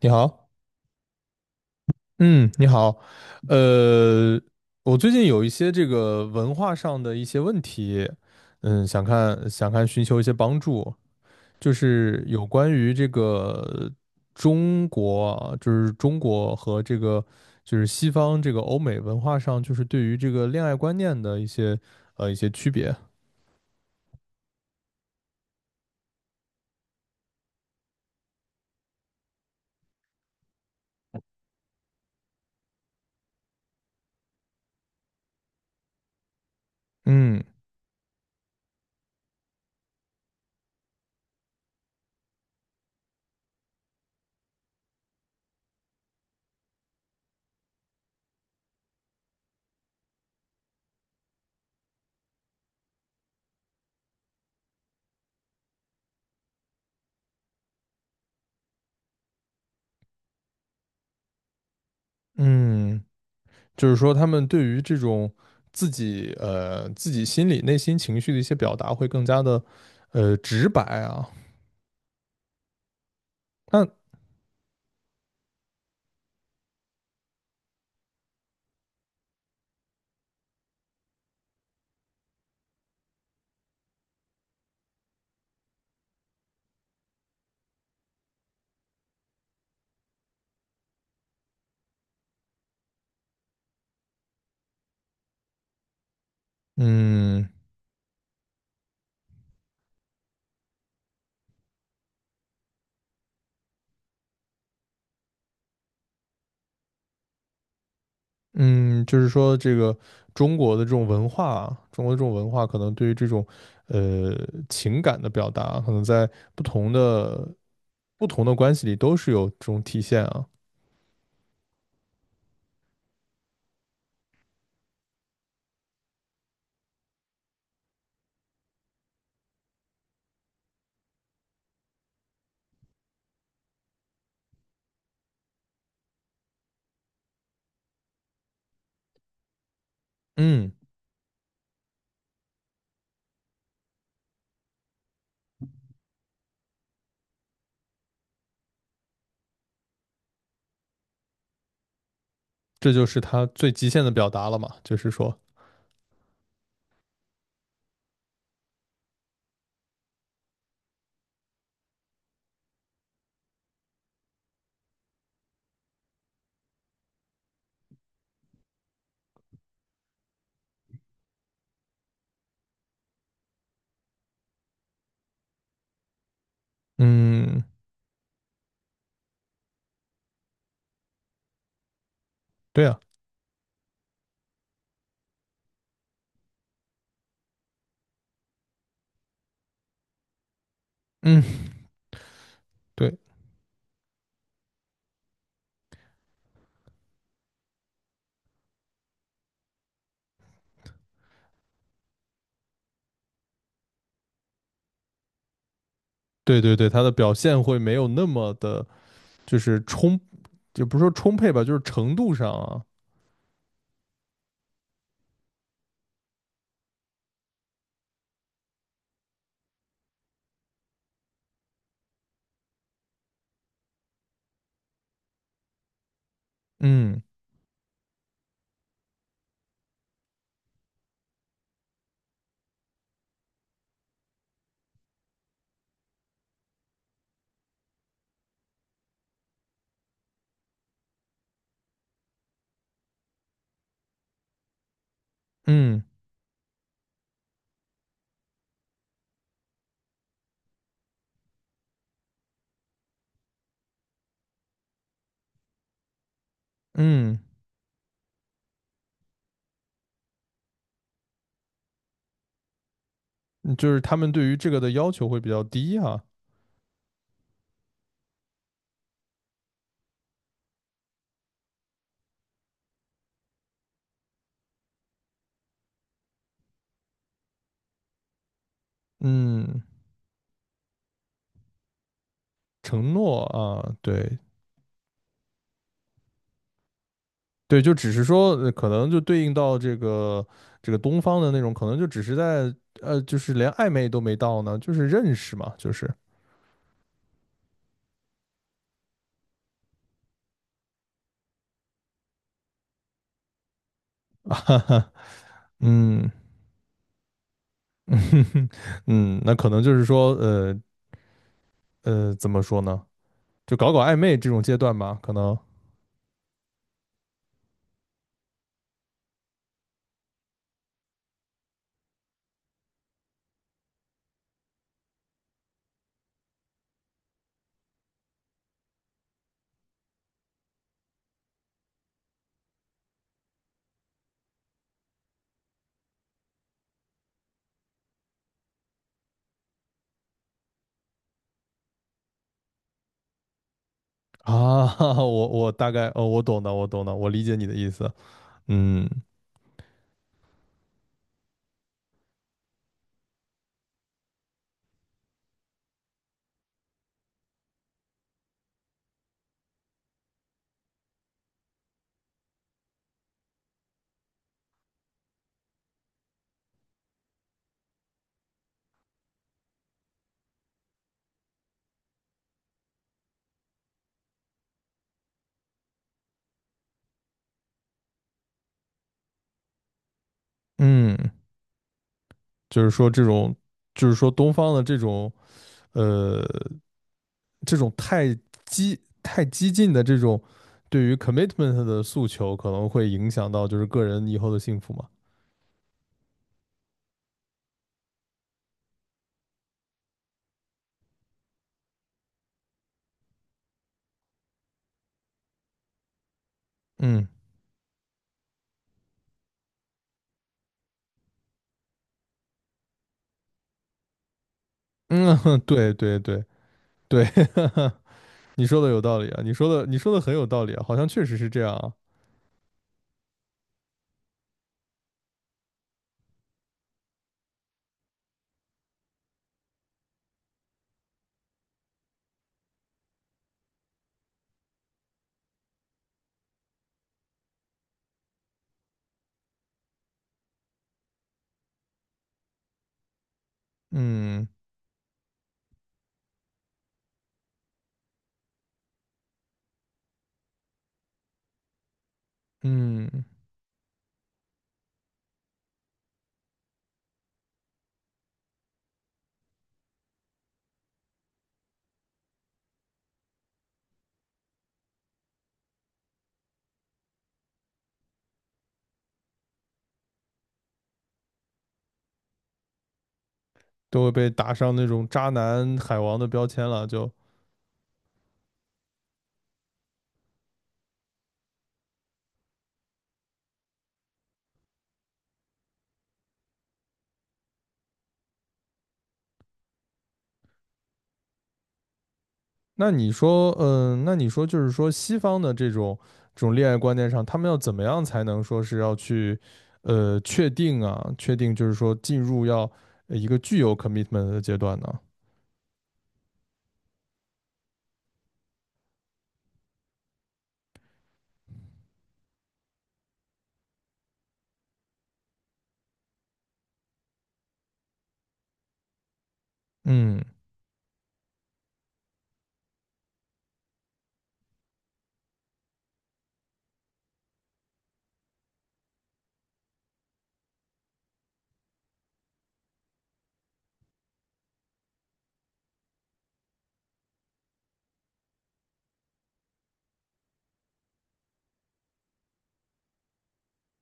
你好。嗯，你好。呃，我最近有一些这个文化上的一些问题，想看寻求一些帮助，就是有关于这个中国啊，就是中国和这个就是西方这个欧美文化上，就是对于这个恋爱观念的一些一些区别。嗯嗯。就是说他们对于这种自己自己心里内心情绪的一些表达会更加的直白啊。那嗯嗯，就是说这个中国的这种文化啊，中国的这种文化可能对于这种呃情感的表达，可能在不同的不同的关系里都是有这种体现啊。嗯，这就是他最极限的表达了嘛，就是说，嗯，对啊，嗯，对对对对，他的表现会没有那么的。就是充，也不是说充沛吧，就是程度上啊。嗯嗯嗯，嗯就是他们对于这个的要求会比较低啊。嗯，承诺啊，对对，就只是说可能就对应到这个东方的那种，可能就只是在就是连暧昧都没到呢，就是认识嘛，就是，哈哈。嗯 嗯，那可能就是说怎么说呢？就搞搞暧昧这种阶段吧，可能啊，我大概哦，我懂的，我懂的，我理解你的意思。嗯嗯，就是说这种，就是说东方的这种呃，这种太激进的这种对于 commitment 的诉求，可能会影响到就是个人以后的幸福嘛。嗯嗯，对对对对，你说的有道理啊，你说的很有道理啊，好像确实是这样啊。嗯嗯，都会被打上那种渣男海王的标签了，就。那你说，嗯，那你说就是说，西方的这种这种恋爱观念上，他们要怎么样才能说是要去，确定啊，确定就是说进入要一个具有 commitment 的阶段呢？嗯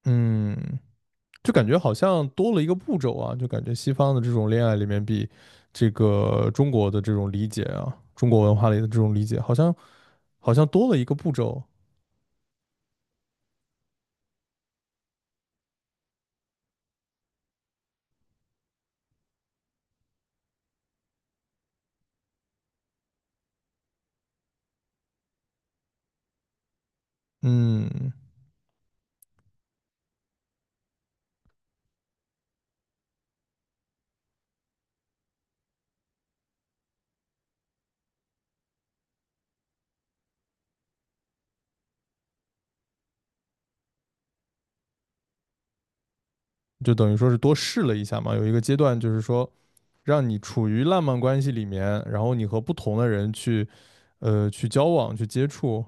嗯，就感觉好像多了一个步骤啊，就感觉西方的这种恋爱里面比这个中国的这种理解啊，中国文化里的这种理解，好像多了一个步骤。嗯，就等于说是多试了一下嘛，有一个阶段就是说。让你处于浪漫关系里面，然后你和不同的人去，去交往、去接触。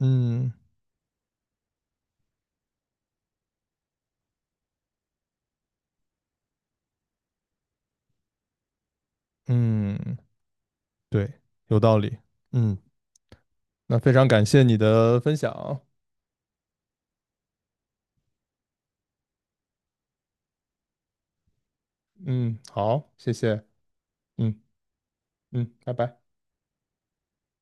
嗯嗯，对，有道理。嗯，那非常感谢你的分享。嗯，好，谢谢。嗯嗯，拜拜。